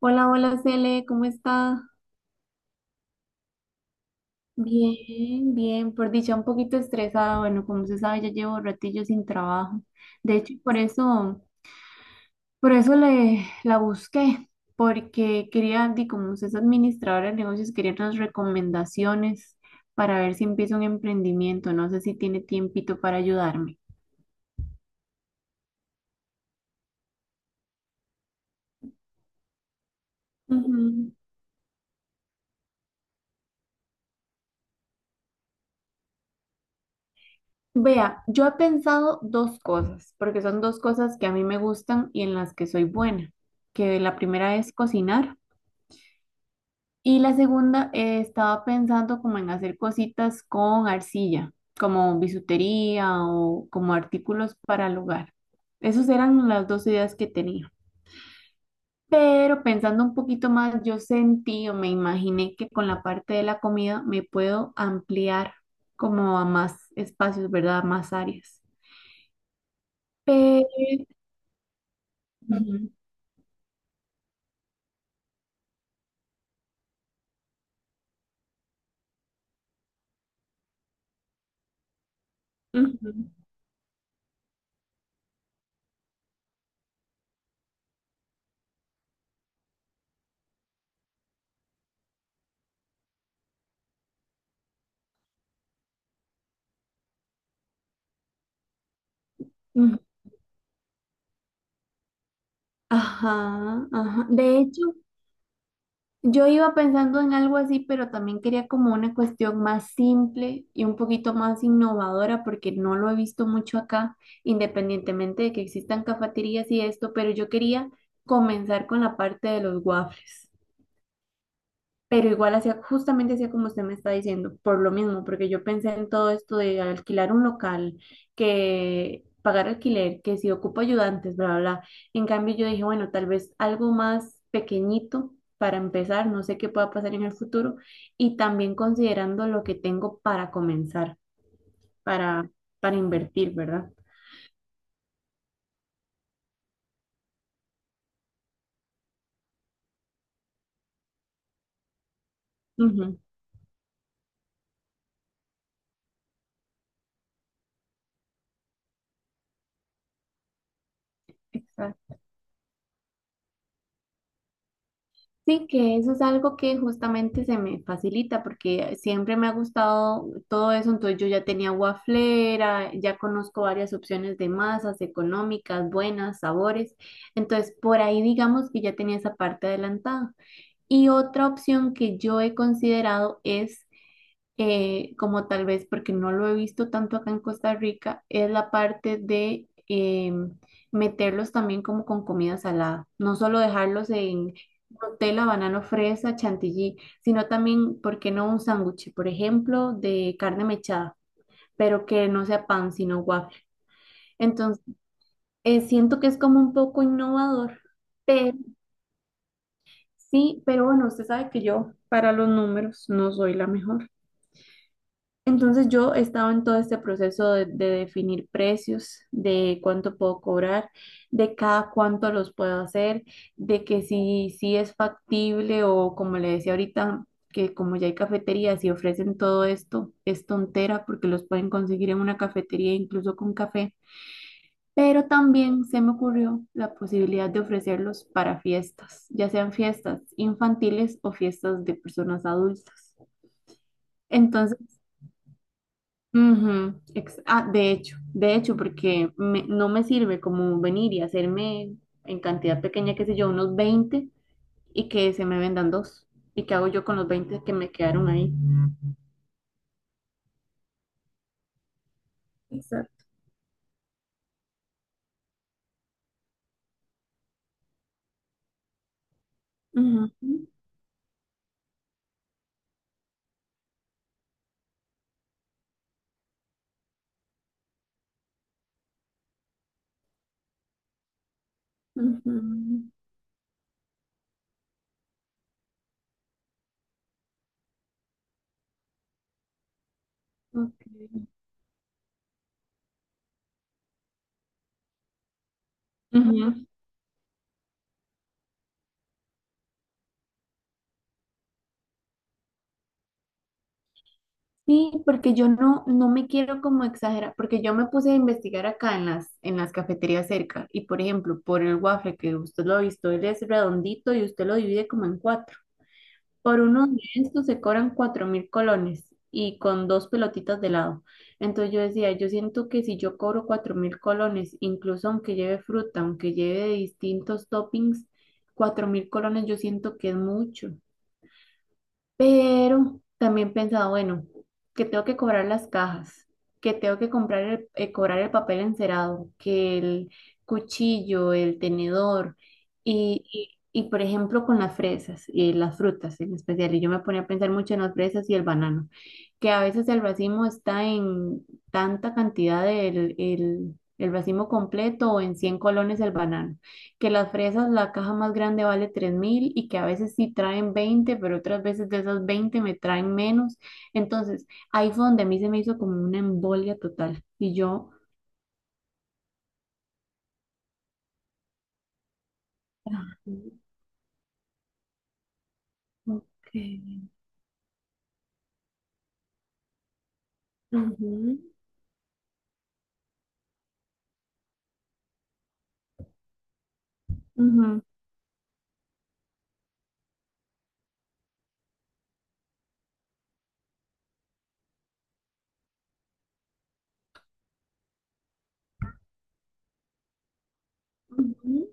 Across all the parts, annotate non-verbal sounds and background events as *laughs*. Hola, hola Cele, ¿cómo está? Bien, bien, por dicha un poquito estresada, bueno, como se sabe, ya llevo ratillo sin trabajo. De hecho, por eso le la busqué, porque quería, di, como usted es administradora de negocios, quería unas recomendaciones para ver si empiezo un emprendimiento. No sé si tiene tiempito para ayudarme. Ujú. Vea, yo he pensado dos cosas, porque son dos cosas que a mí me gustan y en las que soy buena, que la primera es cocinar. Y la segunda, estaba pensando como en hacer cositas con arcilla, como bisutería o como artículos para el hogar. Esas eran las dos ideas que tenía. Pero pensando un poquito más, yo sentí o me imaginé que con la parte de la comida me puedo ampliar como a más espacios, ¿verdad? A más áreas. Pero, ujú. Ujú, ujú. Ajá, ajá. De hecho, yo iba pensando en algo así, pero también quería como una cuestión más simple y un poquito más innovadora, porque no lo he visto mucho acá, independientemente de que existan cafeterías y esto, pero yo quería comenzar con la parte de los waffles. Pero igual hacía, justamente hacía como usted me está diciendo, por lo mismo, porque yo pensé en todo esto de alquilar un local, que pagar alquiler, que si ocupo ayudantes, bla, bla, bla. En cambio, yo dije, bueno, tal vez algo más pequeñito para empezar, no sé qué pueda pasar en el futuro, y también considerando lo que tengo para comenzar, para, para invertir, ¿verdad? Ujú, exacto. Sí, que eso es algo que justamente se me facilita porque siempre me ha gustado todo eso, entonces yo ya tenía waflera, ya conozco varias opciones de masas económicas, buenas, sabores, entonces por ahí digamos que ya tenía esa parte adelantada. Y otra opción que yo he considerado es como tal vez porque no lo he visto tanto acá en Costa Rica, es la parte de meterlos también como con comida salada, no solo dejarlos en Nutella, banano, fresa, chantilly, sino también, ¿por qué no un sándwich, por ejemplo, de carne mechada, pero que no sea pan, sino waffle? Entonces, siento que es como un poco innovador, pero sí, pero bueno, usted sabe que yo para los números no soy la mejor. Entonces yo estaba en todo este proceso de definir precios, de cuánto puedo cobrar, de cada cuánto los puedo hacer, de que si, si es factible o como le decía ahorita, que como ya hay cafeterías y ofrecen todo esto, es tontera porque los pueden conseguir en una cafetería incluso con café. Pero también se me ocurrió la posibilidad de ofrecerlos para fiestas, ya sean fiestas infantiles o fiestas de personas adultas. Entonces, ujú, ex- ah, de hecho, porque me- no me sirve como venir y hacerme en cantidad pequeña, qué sé yo, unos 20 y que se me vendan dos. ¿Y qué hago yo con los 20 que me quedaron ahí? Exacto. Ujú, ujú, ok. Ujú. Sí, porque yo no, no me quiero como exagerar, porque yo me puse a investigar acá en las cafeterías cerca y por ejemplo, por el waffle que usted lo ha visto, él es redondito y usted lo divide como en cuatro. Por uno de estos se cobran cuatro mil colones y con dos pelotitas de helado. Entonces yo decía, yo siento que si yo cobro cuatro mil colones, incluso aunque lleve fruta, aunque lleve de distintos toppings, cuatro mil colones yo siento que es mucho. Pero también he pensado bueno, que tengo que cobrar las cajas, que tengo que comprar el, cobrar el papel encerado, que el cuchillo, el tenedor y, por ejemplo con las fresas y las frutas en especial. Y yo me ponía a pensar mucho en las fresas y el banano, que a veces el racimo está en tanta cantidad del el racimo completo o en 100 colones el banano que las fresas, la caja más grande vale 3.000 y que a veces sí traen 20 pero otras veces de esas 20 me traen menos. Entonces, ahí fue donde a mí se me hizo como una embolia total. Y yo, ah, ok. Ujú, ujú. Ujú.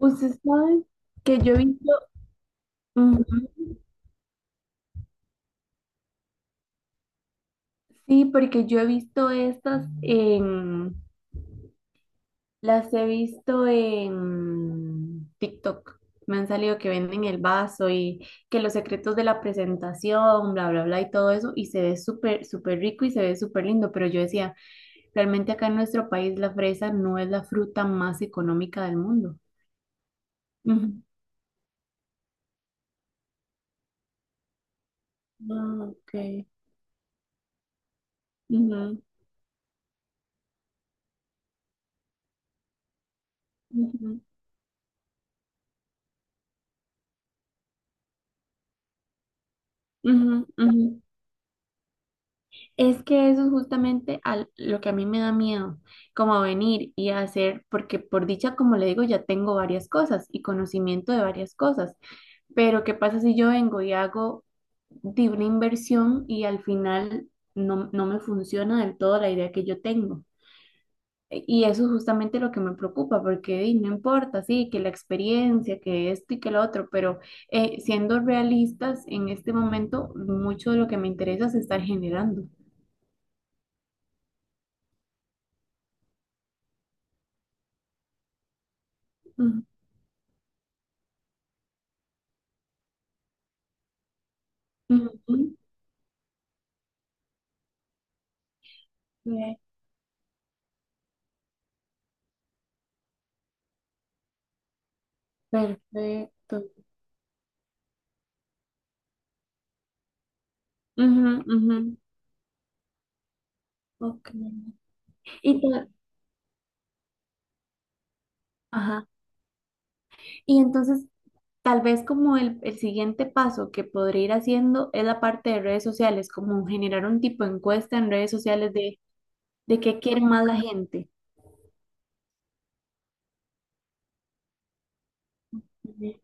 Usted sabe que yo he visto, ujú, sí, porque yo he visto estas en, las he visto en TikTok. Me han salido que venden el vaso y que los secretos de la presentación, bla, bla, bla y todo eso. Y se ve súper, súper rico y se ve súper lindo. Pero yo decía, realmente acá en nuestro país la fresa no es la fruta más económica del mundo. Ujú. Ah, ok. Ujú, ujú, ujú, ujú. Es que eso es justamente al- lo que a mí me da miedo, como a venir y a hacer, porque por dicha, como le digo, ya tengo varias cosas y conocimiento de varias cosas, pero ¿qué pasa si yo vengo y hago de una inversión y al final no, no me funciona del todo la idea que yo tengo? E- Y eso es justamente lo que me preocupa, porque di, no importa, sí, que la experiencia, que esto y que lo otro, pero siendo realistas, en este momento mucho de lo que me interesa es estar generando. Ujú. Ujú. Bien, perfecto. Ujú, ujú, ok. Y, ta- ajá. Y entonces, tal vez como el siguiente paso que podría ir haciendo es la parte de redes sociales, como generar un tipo de encuesta en redes sociales de qué quiere más la gente. Ujú.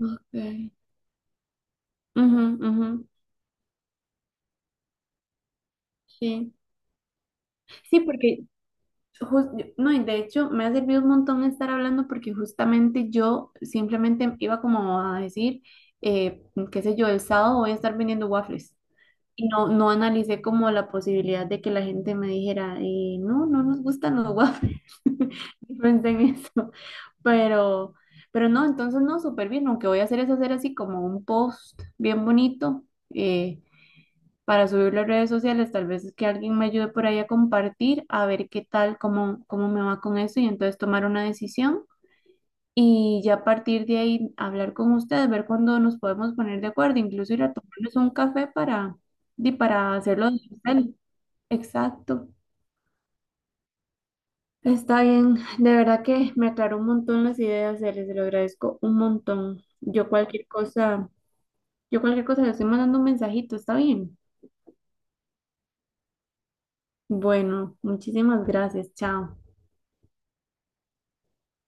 Ok. Ujú, ujú, sí. Sí, porque jus- no, y de hecho me ha servido un montón estar hablando porque justamente yo simplemente iba como a decir, eh, qué sé yo, el sábado voy a estar vendiendo waffles. Y no, no analicé como la posibilidad de que la gente me dijera, no, no nos gustan los waffles. *laughs* Yo pensé en eso. Pero, pero no, entonces no, súper bien. Lo que voy a hacer es hacer así como un post bien bonito eh, para subirlo a redes sociales. Tal vez es que alguien me ayude por ahí a compartir, a ver qué tal, cómo, cómo me va con eso y entonces tomar una decisión y ya a partir de ahí hablar con ustedes, ver cuándo nos podemos poner de acuerdo, incluso ir a tomarnos un café para, di, para hacerlo digital. Exacto. Está bien, de verdad que me aclaró un montón las ideas, se les lo agradezco un montón. Yo cualquier cosa les estoy mandando un mensajito, ¿está bien? Bueno, muchísimas gracias, chao.